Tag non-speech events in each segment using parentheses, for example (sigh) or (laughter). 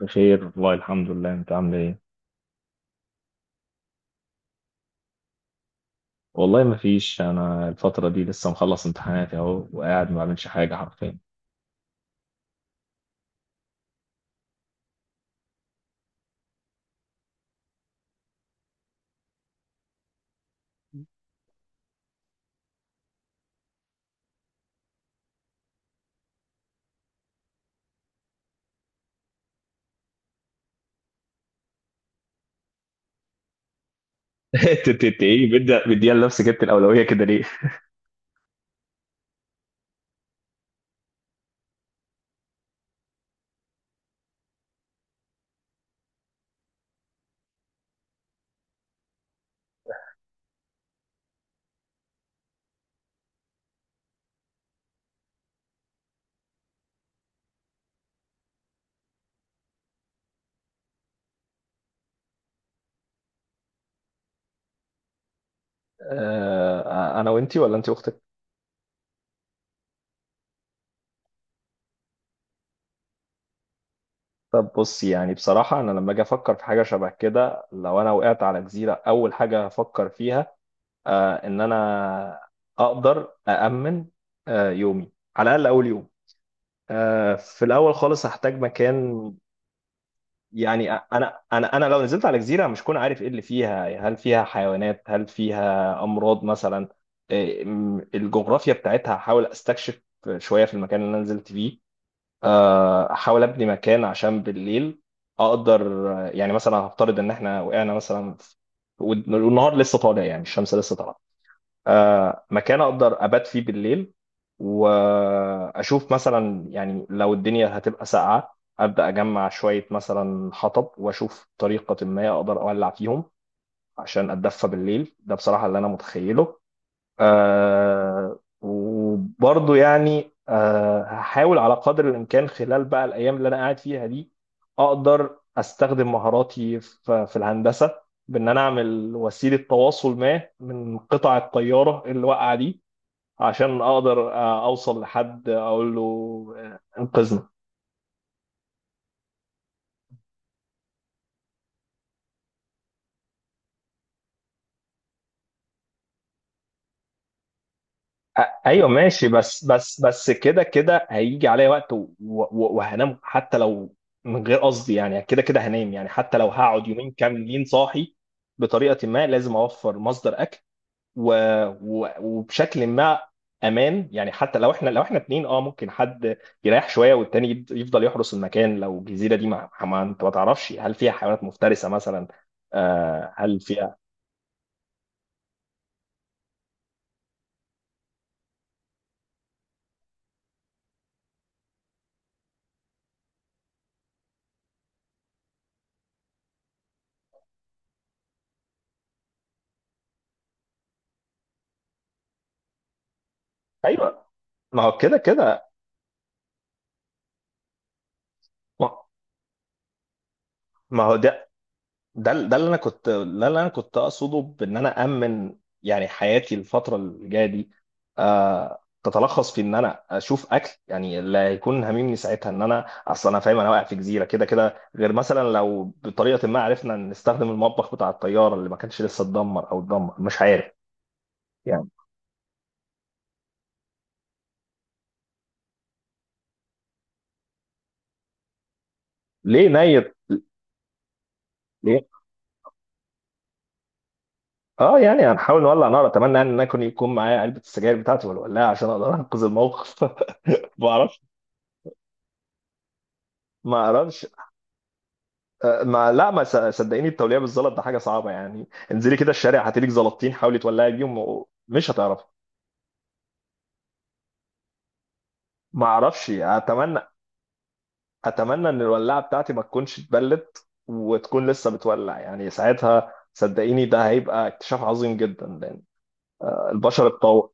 بخير والله الحمد لله. انت عامل ايه؟ والله ما فيش، انا الفتره دي لسه مخلص امتحاناتي اهو، وقاعد ما بعملش حاجه حرفيا. (laughs) انت ايه بدي لنفسك انت الاولويه كده ليه؟ انا وانتي ولا انتي واختك؟ طب بصي، يعني بصراحه انا لما اجي افكر في حاجه شبه كده، لو انا وقعت على جزيره اول حاجه هفكر فيها، ان انا اقدر أأمن يومي، على الاقل اول يوم. في الاول خالص هحتاج مكان. يعني انا لو نزلت على جزيره مش كون عارف ايه اللي فيها، هل فيها حيوانات؟ هل فيها امراض مثلا؟ الجغرافيا بتاعتها هحاول استكشف شويه في المكان اللي انا نزلت فيه. احاول ابني مكان عشان بالليل اقدر، يعني مثلا هفترض ان احنا وقعنا مثلا والنهار لسه طالع، يعني الشمس لسه طالعه. مكان اقدر ابات فيه بالليل، واشوف مثلا يعني لو الدنيا هتبقى ساقعه ابدا اجمع شويه مثلا حطب واشوف طريقه ما اقدر اولع فيهم عشان اتدفى بالليل. ده بصراحه اللي انا متخيله. آه وبرضه يعني آه، هحاول على قدر الإمكان خلال بقى الأيام اللي أنا قاعد فيها دي أقدر أستخدم مهاراتي في الهندسة، بإن أنا أعمل وسيلة تواصل ما من قطع الطيارة اللي واقعة دي عشان أقدر أوصل لحد أقول له إنقذنا. ايوه ماشي، بس كده كده هيجي عليا وقت وهنام حتى لو من غير قصدي، يعني كده كده هنام، يعني حتى لو هقعد يومين كاملين صاحي. بطريقه ما لازم اوفر مصدر اكل، و... وبشكل ما امان، يعني حتى لو احنا، لو احنا اتنين اه، ممكن حد يريح شويه والتاني يفضل يحرس المكان، لو الجزيره دي ما انت ما تعرفش هل فيها حيوانات مفترسه مثلا، آه هل فيها. ايوه، ما هو كده كده. ما، ما هو ده، ده اللي انا كنت ده اللي انا كنت اقصده، بان انا امن يعني حياتي الفتره اللي جايه دي آه، تتلخص في ان انا اشوف اكل. يعني اللي هيكون هاممني ساعتها ان انا اصلا انا فاهم انا واقع في جزيره كده كده، غير مثلا لو بطريقه ما عرفنا نستخدم المطبخ بتاع الطياره اللي ما كانش لسه اتدمر او اتدمر مش عارف يعني. ليه نيت؟ ليه؟ اه يعني هنحاول نولع نار. اتمنى يعني ان انا يكون معايا علبه السجاير بتاعتي والولاعه عشان اقدر انقذ الموقف. (laughs) ما اعرفش، ما اعرفش. آه، ما لا، ما س- صدقيني التوليع بالزلط ده حاجه صعبه يعني. انزلي كده الشارع هاتلك زلطتين حاولي تولعي بيهم مش هتعرفي. ما اعرفش، اتمنى. اتمنى ان الولاعه بتاعتي ما تكونش اتبلت وتكون لسه بتولع. يعني ساعتها صدقيني ده هيبقى اكتشاف عظيم جدا لان البشر اتطور.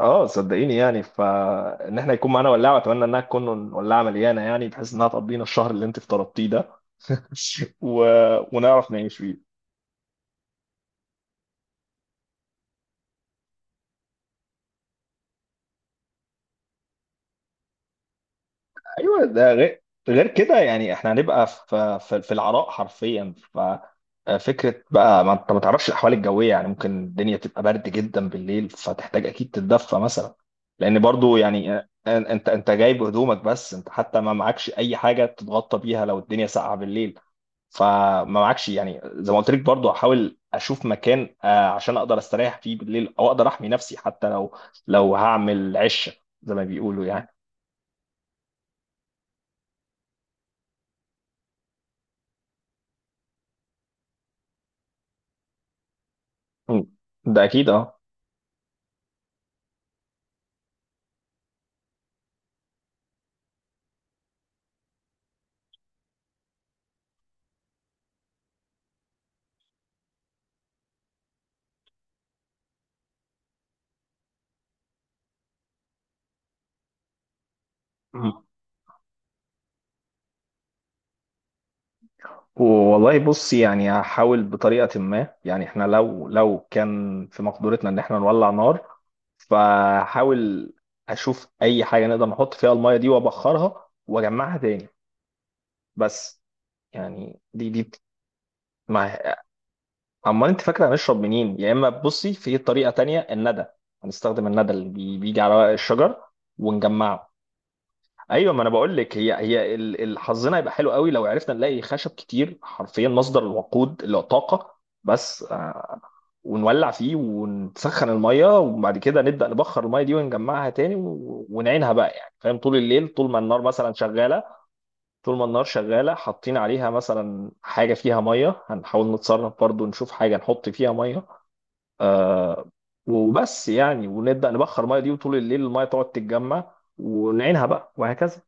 اه صدقيني، يعني فان احنا يكون معانا ولاعه، واتمنى انها تكون ولاعه مليانه يعني بحيث انها تقضينا الشهر اللي انت افترضتيه ده. (laughs) و... ونعرف نعيش فيه. ايوه، ده غير، غير كده يعني احنا هنبقى في العراء حرفيا. ففكره بقى، ما انت ما تعرفش الاحوال الجويه، يعني ممكن الدنيا تبقى برد جدا بالليل فتحتاج اكيد تتدفى مثلا. لان برضو يعني انت، انت جايب هدومك بس انت حتى ما معكش اي حاجه تتغطى بيها لو الدنيا ساقعه بالليل. فما معكش يعني زي ما قلت لك، برضو احاول اشوف مكان عشان اقدر استريح فيه بالليل او اقدر احمي نفسي، حتى لو، لو هعمل عشه زي ما بيقولوا يعني. مم. ده اكيد اه. مم. والله بص، يعني هحاول بطريقة ما يعني احنا، لو لو كان في مقدورتنا ان احنا نولع نار فحاول اشوف اي حاجة نقدر نحط فيها المية دي وابخرها واجمعها تاني. بس يعني دي ما. امال انت فاكرة هنشرب منين؟ يا اما بصي في طريقة تانية: الندى. هنستخدم الندى اللي بيجي على ورق الشجر ونجمعه. ايوه، ما انا بقول لك، هي حظنا هيبقى حلو قوي لو عرفنا نلاقي خشب كتير حرفيا، مصدر الوقود اللي هو طاقه. بس آه، ونولع فيه ونسخن الميه، وبعد كده نبدا نبخر الميه دي ونجمعها تاني ونعينها بقى يعني، فاهم؟ طول الليل طول ما النار مثلا شغاله، طول ما النار شغاله حاطين عليها مثلا حاجه فيها ميه. هنحاول نتصرف برضو نشوف حاجه نحط فيها ميه آه، وبس يعني، ونبدا نبخر الميه دي، وطول الليل الميه تقعد تتجمع ونعينها بقى، وهكذا.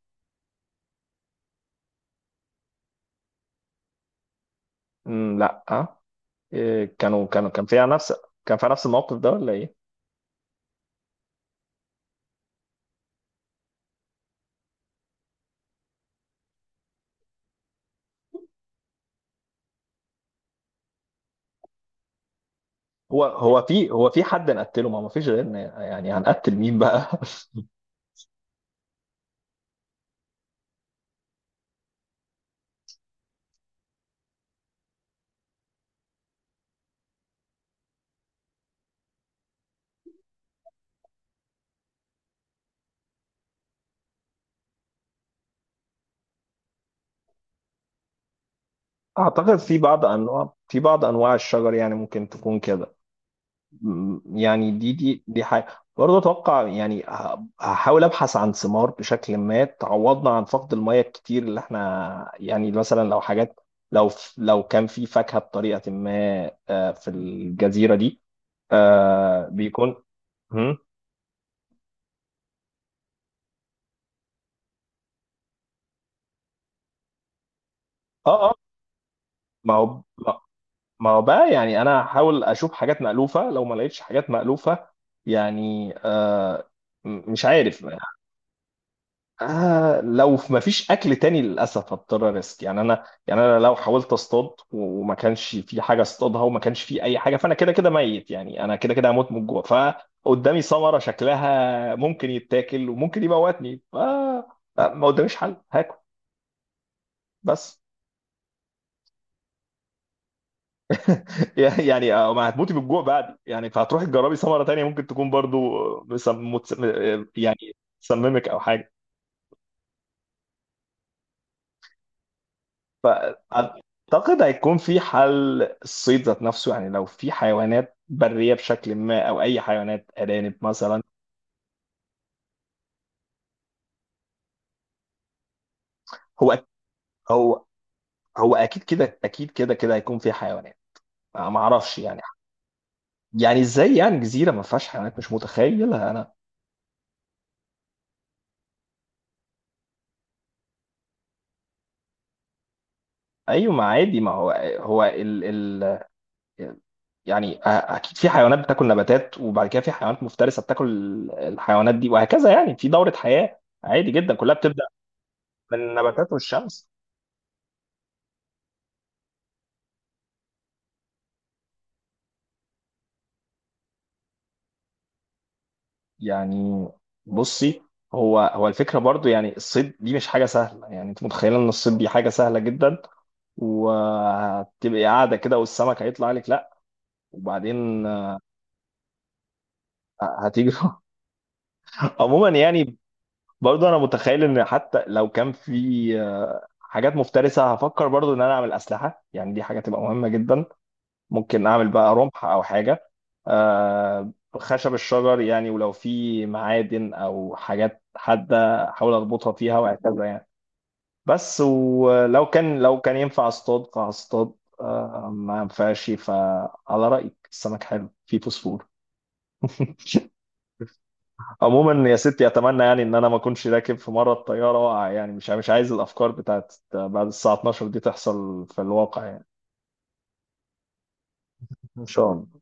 مم، لا آه. إيه، كانوا كان فيها نفس، كان فيها نفس الموقف ده ولا ايه؟ هو هو في، هو في حد نقتله؟ ما ما فيش غيرنا، يعني هنقتل مين بقى؟ (laughs) اعتقد في بعض انواع، في بعض انواع الشجر يعني ممكن تكون كده. يعني دي حاجه برضه اتوقع. يعني هحاول ابحث عن ثمار بشكل ما تعوضنا عن فقد الميه الكتير اللي احنا، يعني مثلا لو حاجات، لو لو كان في فاكهه بطريقه ما في الجزيره دي، بيكون. هم؟ اه اه. ما هو، ما هو بقى يعني انا هحاول اشوف حاجات مألوفة، لو ما لقيتش حاجات مألوفة يعني آه، مش عارف. آه لو ما فيش اكل تاني، للاسف هضطر ريسك. يعني انا، يعني انا لو حاولت اصطاد وما كانش في حاجة اصطادها وما كانش في اي حاجة، فانا كده كده ميت يعني، انا كده كده هموت من الجوع، فقدامي ثمرة شكلها ممكن يتاكل وممكن يموتني، ف ما قداميش حل، هاكل بس. يعني يعني، آه، ما هتموتي بالجوع بعد يعني، فهتروحي تجربي ثمره تانية ممكن تكون برضو آه، مسم... متس... آه، يعني تسممك او حاجه. اعتقد هيكون في حل، الصيد ذات نفسه. يعني لو في حيوانات بريه بشكل ما او اي حيوانات، ارانب مثلا. هو أك- هو، هو اكيد كده، اكيد كده كده هيكون في حيوانات. آه، ما اعرفش يعني، يعني ازاي يعني جزيره ما فيهاش حيوانات؟ مش متخيلها انا. ايوه ما عادي، ما هو، هو ال... ال... يعني اكيد في حيوانات بتاكل نباتات، وبعد كده في حيوانات مفترسه بتاكل الحيوانات دي، وهكذا، يعني في دوره حياه عادي جدا كلها بتبدا من النباتات والشمس. يعني بصي، هو الفكره برضو يعني الصيد دي مش حاجه سهله، يعني انت متخيله ان الصيد دي حاجه سهله جدا وهتبقي قاعده كده والسمك هيطلع لك؟ لا. وبعدين آه، هتيجي. (laughs) عموما يعني، برضو انا متخيل ان حتى لو كان في آه، حاجات مفترسه، هفكر برضو ان انا اعمل اسلحه، يعني دي حاجه تبقى مهمه جدا. ممكن اعمل بقى رمح او حاجه آه، خشب الشجر يعني. ولو في معادن او حاجات حاده احاول اربطها فيها، وهكذا يعني. بس ولو كان، لو كان ينفع اصطاد فهصطاد آه، ما ينفعش فعلى رايك السمك حلو فيه فوسفور. عموما يا ستي، اتمنى يعني ان انا ما اكونش راكب في مره الطياره واقع. يعني مش عايز الافكار بتاعت بعد الساعه 12 دي تحصل في الواقع يعني. ان شاء الله.